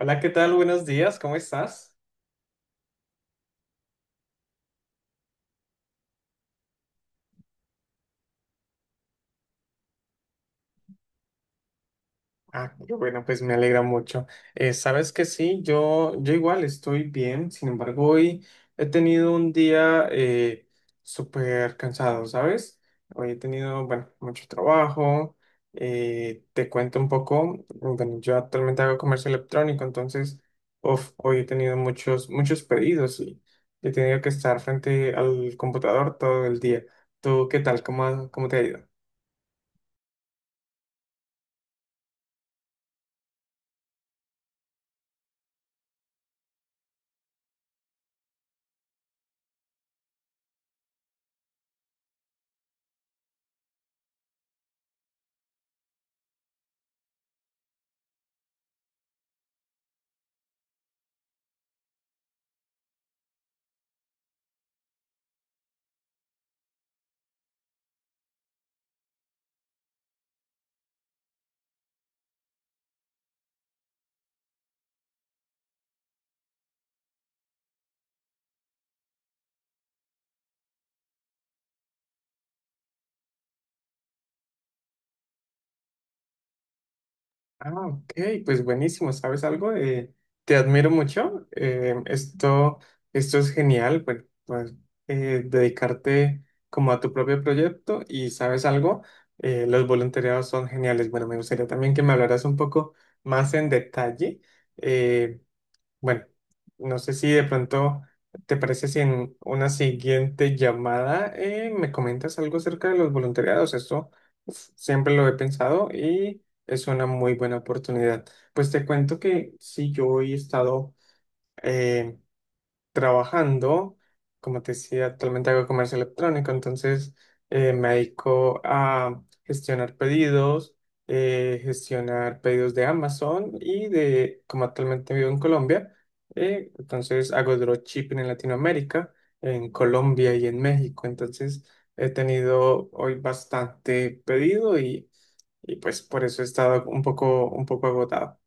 Hola, ¿qué tal? Buenos días, ¿cómo estás? Ah, qué bueno, pues me alegra mucho. Sabes que sí, yo igual estoy bien. Sin embargo, hoy he tenido un día súper cansado, ¿sabes? Hoy he tenido, bueno, mucho trabajo. Te cuento un poco. Bueno, yo actualmente hago comercio electrónico, entonces, uf, hoy he tenido muchos pedidos y he tenido que estar frente al computador todo el día. ¿Tú qué tal? ¿Cómo, cómo te ha ido? Ah, ok, pues buenísimo, ¿sabes algo? Te admiro mucho. Esto es genial. Pues, pues, dedicarte como a tu propio proyecto. Y ¿sabes algo? Los voluntariados son geniales. Bueno, me gustaría también que me hablaras un poco más en detalle, eh, bueno, no sé si de pronto te parece si en una siguiente llamada me comentas algo acerca de los voluntariados. Esto, uf, siempre lo he pensado y es una muy buena oportunidad. Pues te cuento que si yo hoy he estado eh, trabajando. Como te decía, actualmente hago comercio electrónico, entonces me dedico a gestionar pedidos de Amazon. Y de, como actualmente vivo en Colombia, entonces hago dropshipping en Latinoamérica, en Colombia y en México. Entonces he tenido hoy bastante pedido y pues por eso he estado un poco agotado.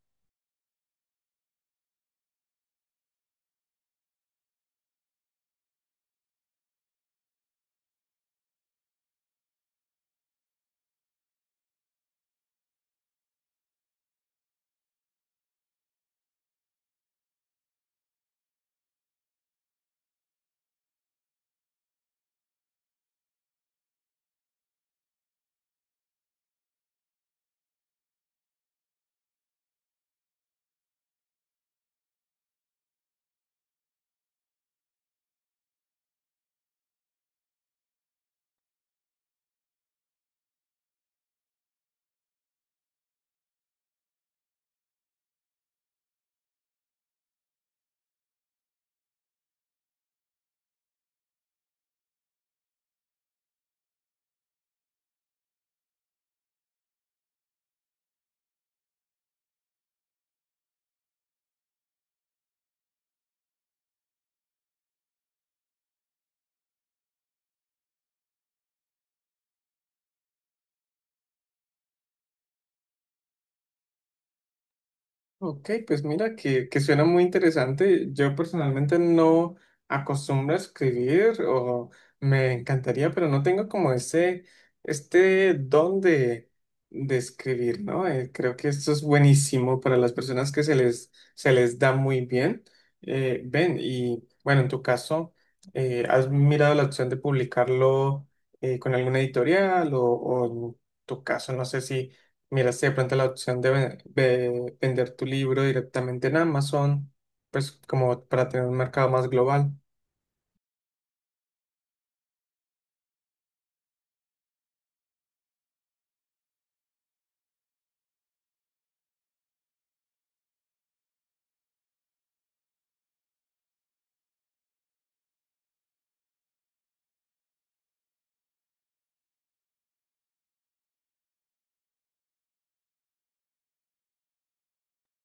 Ok, pues mira que suena muy interesante. Yo personalmente no acostumbro a escribir, o me encantaría, pero no tengo como ese, este don de escribir, ¿no? Creo que esto es buenísimo para las personas que se les da muy bien. Ven, y bueno, en tu caso, ¿has mirado la opción de publicarlo con alguna editorial? O, o en tu caso, no sé si... Mira, si de pronto la opción de, vender tu libro directamente en Amazon, pues como para tener un mercado más global.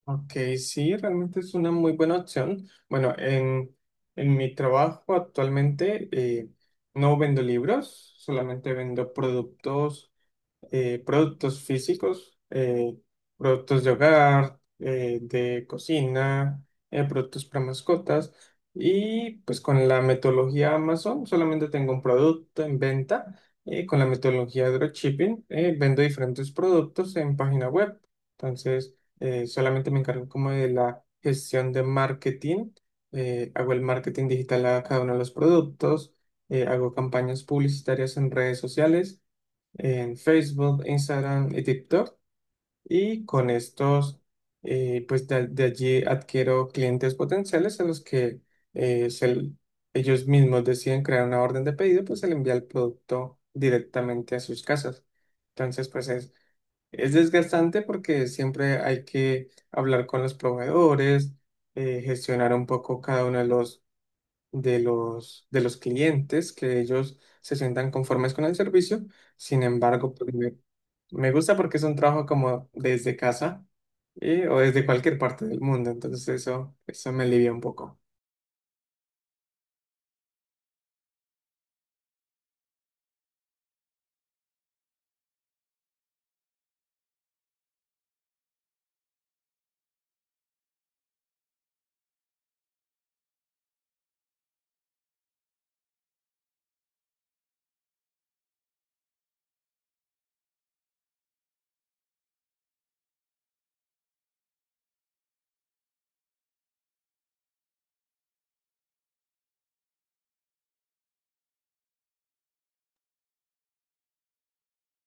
Ok, sí, realmente es una muy buena opción. Bueno, en mi trabajo actualmente no vendo libros, solamente vendo productos. Productos físicos, productos de hogar, de cocina, productos para mascotas. Y pues con la metodología Amazon solamente tengo un producto en venta. Con la metodología dropshipping vendo diferentes productos en página web. Entonces solamente me encargo como de la gestión de marketing. Hago el marketing digital a cada uno de los productos. Hago campañas publicitarias en redes sociales, en Facebook, Instagram y TikTok. Y con estos, pues de allí adquiero clientes potenciales a los que eh, se- ellos mismos deciden crear una orden de pedido, pues se le envía el producto directamente a sus casas. Entonces, pues es desgastante porque siempre hay que hablar con los proveedores, gestionar un poco cada uno de los, de los, de los clientes, que ellos se sientan conformes con el servicio. Sin embargo, pues, me gusta porque es un trabajo como desde casa y- o desde cualquier parte del mundo. Entonces eso me alivia un poco.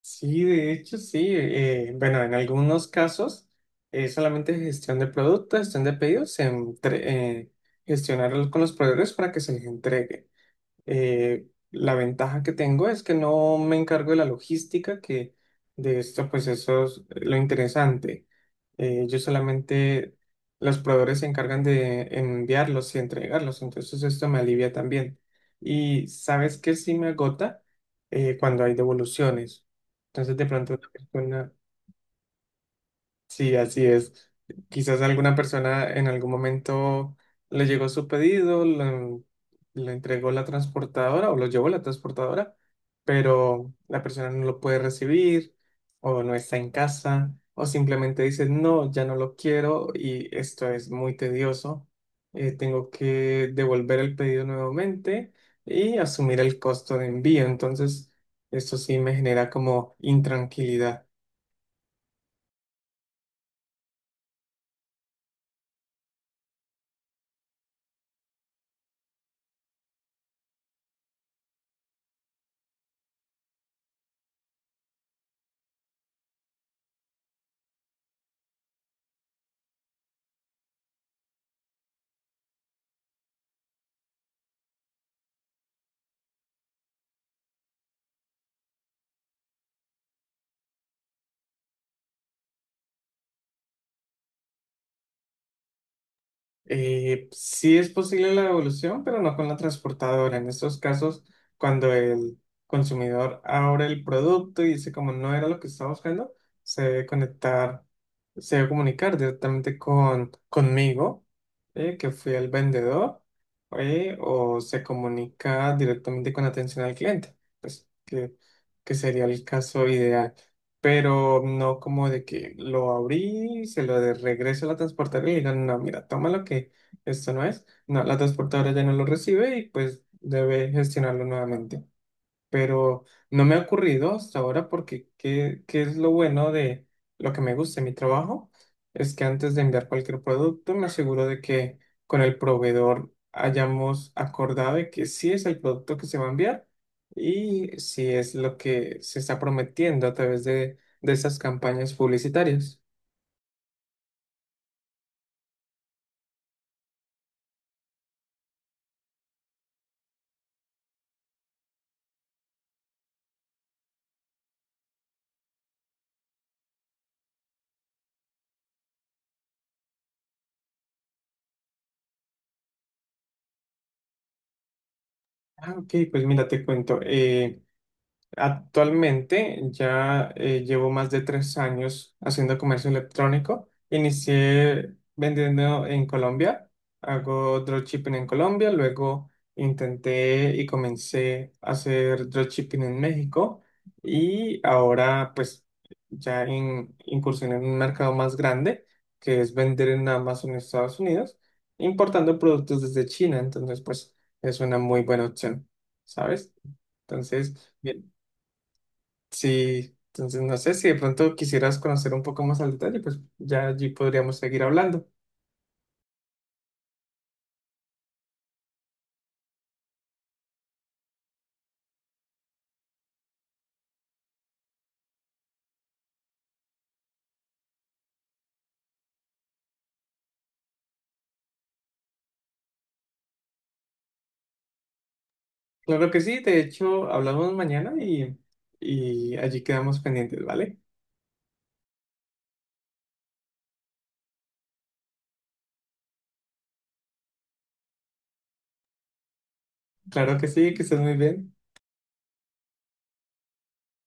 Sí, de hecho, sí. Bueno, en algunos casos es solamente gestión de productos, gestión de pedidos, gestionar con los proveedores para que se les entregue. La ventaja que tengo es que no me encargo de la logística, que de esto pues eso es lo interesante. Yo solamente, los proveedores se encargan de enviarlos y entregarlos. Entonces esto me alivia también. Y sabes que sí me agota cuando hay devoluciones. Entonces de pronto una persona... Sí, así es. Quizás alguna persona en algún momento le llegó su pedido, lo entregó la transportadora o lo llevó la transportadora, pero la persona no lo puede recibir, o no está en casa, o simplemente dice, no, ya no lo quiero, y esto es muy tedioso. Tengo que devolver el pedido nuevamente y asumir el costo de envío. Entonces, esto sí me genera como intranquilidad. Sí es posible la devolución, pero no con la transportadora. En estos casos, cuando el consumidor abre el producto y dice como no era lo que estaba buscando, se debe conectar, se debe comunicar directamente con, conmigo, que fui el vendedor, o se comunica directamente con atención al cliente, pues que sería el caso ideal, pero no como de que lo abrí, se lo de regreso a la transportadora y le digan, no, mira, tómalo que esto no es. No, la transportadora ya no lo recibe y pues debe gestionarlo nuevamente. Pero no me ha ocurrido hasta ahora porque qué, qué es lo bueno de lo que me gusta de mi trabajo, es que antes de enviar cualquier producto me aseguro de que con el proveedor hayamos acordado de que sí es el producto que se va a enviar, y si es lo que se está prometiendo a través de esas campañas publicitarias. Ah, ok, pues mira, te cuento. Actualmente ya llevo más de 3 años haciendo comercio electrónico. Inicié vendiendo en Colombia, hago dropshipping en Colombia, luego intenté y comencé a hacer dropshipping en México, y ahora pues ya en, incursioné en un mercado más grande, que es vender en Amazon en Estados Unidos, importando productos desde China. Entonces pues es una muy buena opción, ¿sabes? Entonces... Sí, entonces no sé si de pronto quisieras conocer un poco más al detalle, pues ya allí podríamos seguir hablando. Claro que sí, de hecho, hablamos mañana y allí quedamos pendientes, ¿vale? Claro que sí, que estés muy bien.